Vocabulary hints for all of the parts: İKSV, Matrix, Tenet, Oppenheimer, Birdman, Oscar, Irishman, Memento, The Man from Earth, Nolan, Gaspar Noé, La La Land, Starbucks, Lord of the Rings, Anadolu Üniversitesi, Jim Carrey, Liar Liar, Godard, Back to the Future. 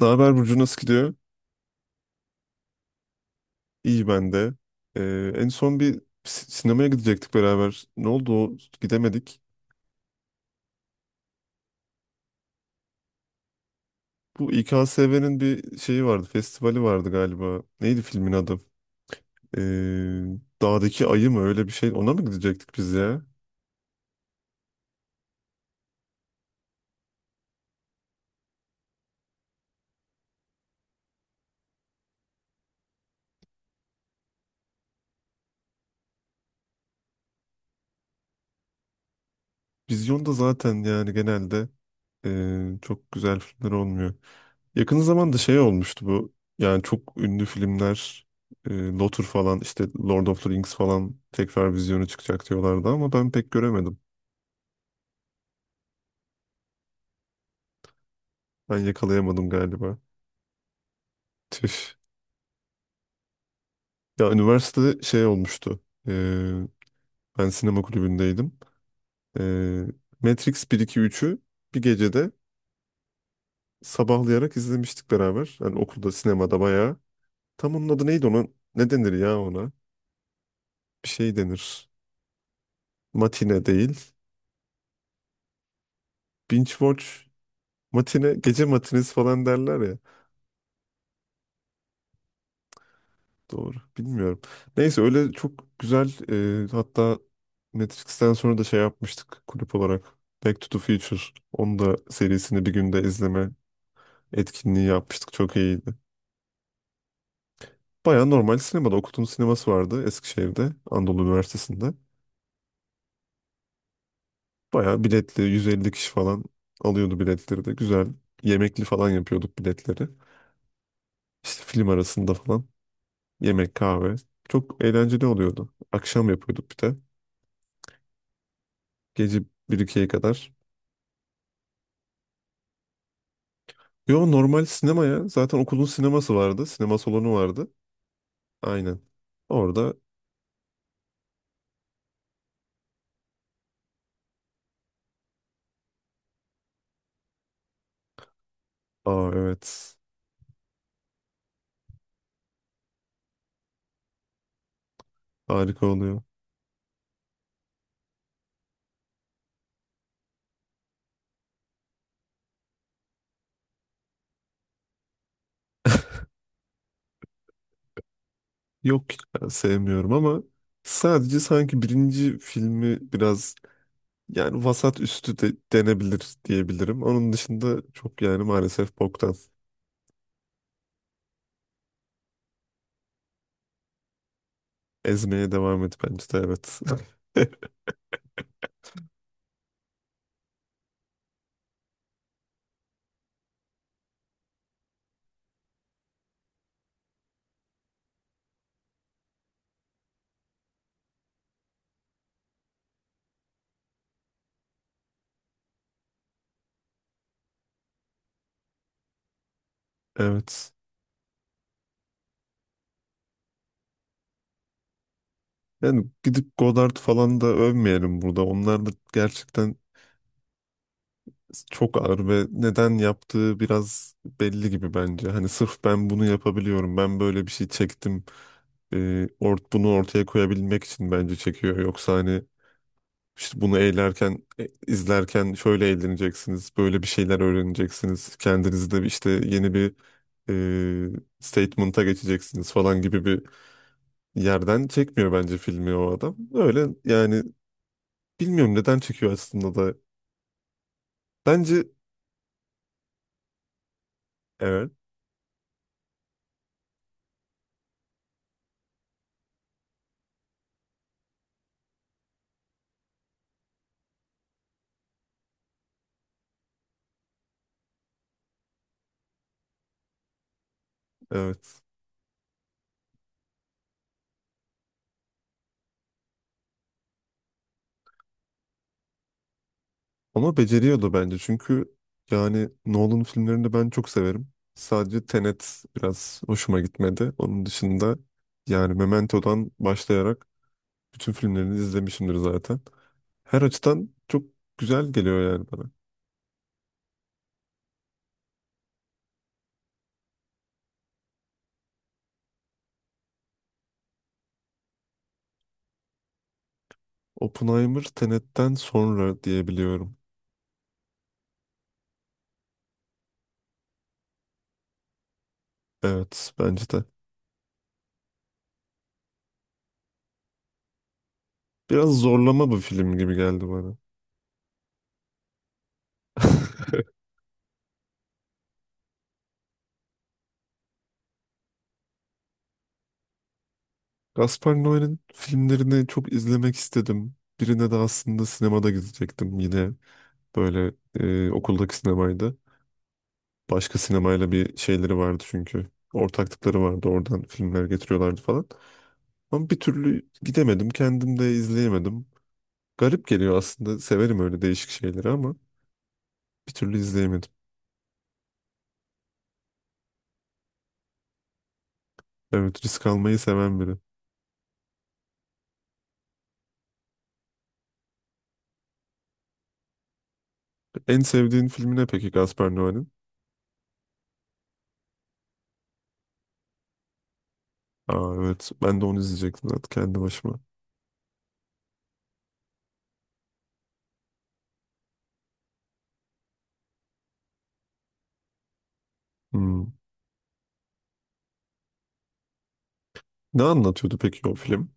Ne haber Burcu, nasıl gidiyor? İyi ben de. En son bir sinemaya gidecektik beraber. Ne oldu o? Gidemedik. Bu İKSV'nin bir şeyi vardı, festivali vardı galiba. Neydi filmin adı? Ee, Dağdaki Ayı mı öyle bir şey? Ona mı gidecektik biz ya? Vizyonda zaten yani genelde çok güzel filmler olmuyor. Yakın zamanda şey olmuştu bu. Yani çok ünlü filmler Lotur falan, işte Lord of the Rings falan tekrar vizyonu çıkacak diyorlardı ama ben pek göremedim. Ben yakalayamadım galiba. Tüh. Ya üniversitede şey olmuştu. E, ben sinema kulübündeydim. E, Matrix bir 2 üçü bir gecede sabahlayarak izlemiştik beraber. Yani okulda sinemada bayağı. Tam onun adı neydi ona? Ne denir ya ona? Bir şey denir. Matine değil. Binge watch. Matine, gece matinesi falan derler ya. Doğru. Bilmiyorum. Neyse öyle çok güzel, hatta Matrix'ten sonra da şey yapmıştık kulüp olarak. Back to the Future. Onu da serisini bir günde izleme etkinliği yapmıştık. Çok iyiydi. Baya normal sinemada. Okut'un sineması vardı Eskişehir'de. Anadolu Üniversitesi'nde. Baya biletli 150 kişi falan alıyordu, biletleri de güzel. Yemekli falan yapıyorduk biletleri. İşte film arasında falan. Yemek, kahve. Çok eğlenceli oluyordu. Akşam yapıyorduk bir de. Gece 1-2'ye kadar. Yo, normal sinema ya. Zaten okulun sineması vardı. Sinema salonu vardı. Aynen. Orada. Aa, evet. Harika oluyor. Yok ya, sevmiyorum ama sadece sanki birinci filmi biraz yani vasat üstü de denebilir diyebilirim. Onun dışında çok yani maalesef boktan. Ezmeye devam et bence de, evet. Evet. Yani gidip Godard falan da övmeyelim burada. Onlar da gerçekten. Çok ağır ve neden yaptığı biraz belli gibi bence. Hani sırf ben bunu yapabiliyorum, ben böyle bir şey çektim. E, ort bunu ortaya koyabilmek için bence çekiyor. Yoksa hani işte bunu eğlerken, izlerken şöyle eğleneceksiniz, böyle bir şeyler öğreneceksiniz. Kendinizi de işte yeni bir statement'a geçeceksiniz falan gibi bir yerden çekmiyor bence filmi o adam. Öyle yani bilmiyorum neden çekiyor aslında da. Bence evet, evet. Ama beceriyordu bence çünkü yani Nolan filmlerini ben çok severim. Sadece Tenet biraz hoşuma gitmedi. Onun dışında yani Memento'dan başlayarak bütün filmlerini izlemişimdir zaten. Her açıdan çok güzel geliyor yani bana. Oppenheimer Tenet'ten sonra diyebiliyorum. Evet bence de. Biraz zorlama bir film gibi geldi bana. Gaspar Noé'nin filmlerini çok izlemek istedim. Birine de aslında sinemada gidecektim yine, böyle okuldaki sinemaydı. Başka sinemayla bir şeyleri vardı çünkü. Ortaklıkları vardı. Oradan filmler getiriyorlardı falan. Ama bir türlü gidemedim. Kendim de izleyemedim. Garip geliyor aslında. Severim öyle değişik şeyleri ama bir türlü izleyemedim. Evet, risk almayı seven biri. En sevdiğin filmi ne peki Gaspar Noé'nin? Aa, evet, ben de onu izleyecektim zaten kendi başıma. Hmm. Ne anlatıyordu peki o film?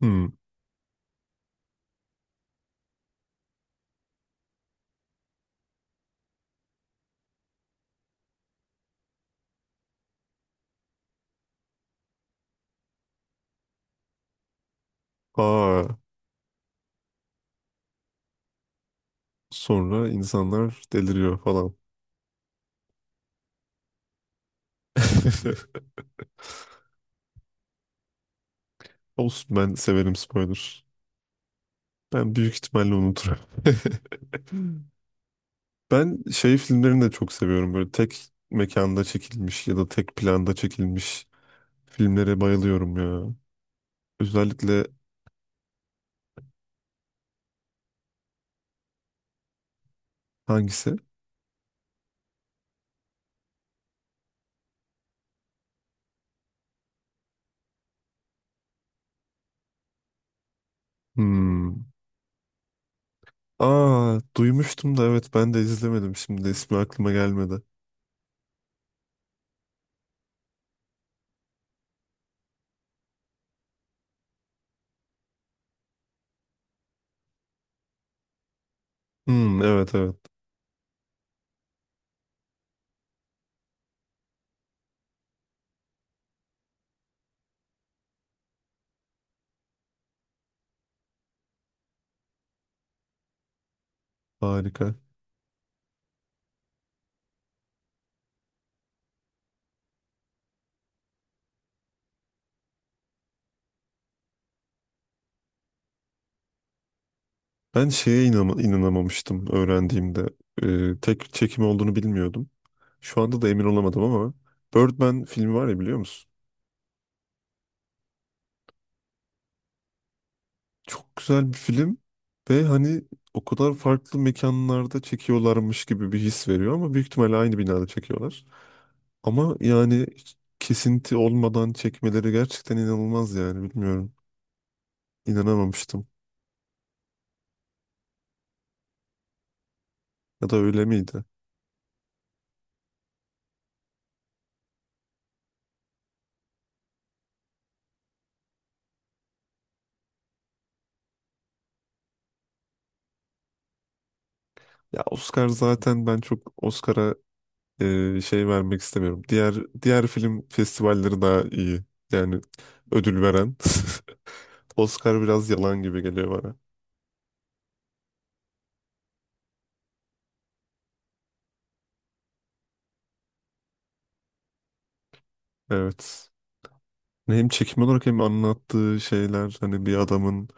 Hmm. Aa, sonra insanlar deliriyor falan. Olsun, ben severim spoiler. Ben büyük ihtimalle unuturum. Ben şey filmlerini de çok seviyorum. Böyle tek mekanda çekilmiş ya da tek planda çekilmiş filmlere bayılıyorum ya. Özellikle hangisi? Hmm. Aa, duymuştum da, evet, ben de izlemedim. Şimdi de ismi aklıma gelmedi. Hmm, evet evet, harika. Ben şeye inanamamıştım öğrendiğimde. Tek çekim olduğunu bilmiyordum. Şu anda da emin olamadım ama Birdman filmi var ya, biliyor musun? Çok güzel bir film ve hani o kadar farklı mekanlarda çekiyorlarmış gibi bir his veriyor ama büyük ihtimalle aynı binada çekiyorlar. Ama yani hiç kesinti olmadan çekmeleri gerçekten inanılmaz yani bilmiyorum. İnanamamıştım. Ya da öyle miydi? Ya Oscar zaten, ben çok Oscar'a şey vermek istemiyorum. Diğer film festivalleri daha iyi. Yani ödül veren. Oscar biraz yalan gibi geliyor bana. Evet. Hem çekim olarak hem anlattığı şeyler, hani bir adamın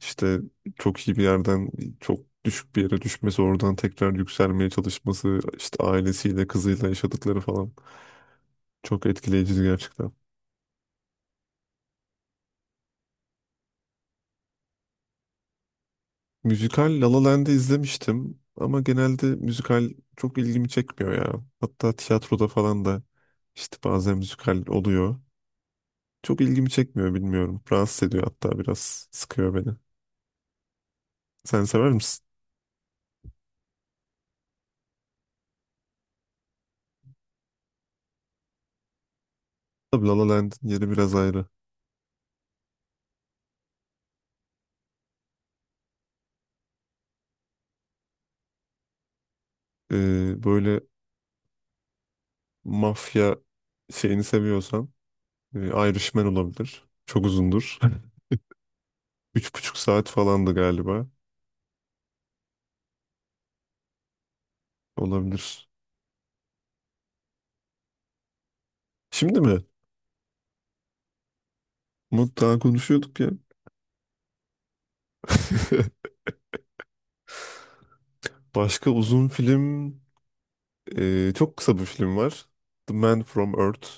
işte çok iyi bir yerden çok düşük bir yere düşmesi, oradan tekrar yükselmeye çalışması, işte ailesiyle kızıyla yaşadıkları falan çok etkileyiciydi gerçekten. Müzikal La La Land'i izlemiştim ama genelde müzikal çok ilgimi çekmiyor ya. Hatta tiyatroda falan da işte bazen müzikal oluyor. Çok ilgimi çekmiyor, bilmiyorum. Rahatsız ediyor, hatta biraz sıkıyor beni. Sen sever misin? Tabii La La Land'in yeri biraz ayrı. Böyle mafya şeyini seviyorsan e, Irishman olabilir. Çok uzundur. 3,5 saat falandı galiba. Olabilir. Şimdi mi? Umut daha konuşuyorduk ya. Başka uzun film, çok kısa bir film var. The Man from Earth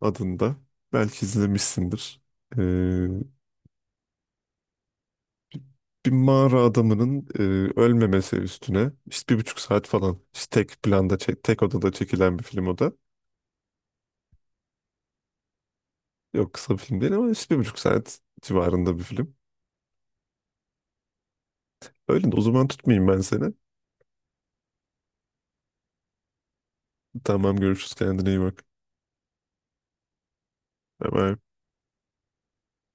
adında. Belki izlemişsindir. E, bir mağara adamının ölmemesi üstüne, işte 1,5 saat falan, işte tek planda tek odada çekilen bir film o da. Yok, kısa bir film değil ama işte 1,5 saat civarında bir film. Öyle de, o zaman tutmayayım ben seni. Tamam, görüşürüz, kendine iyi bak. Bye bye.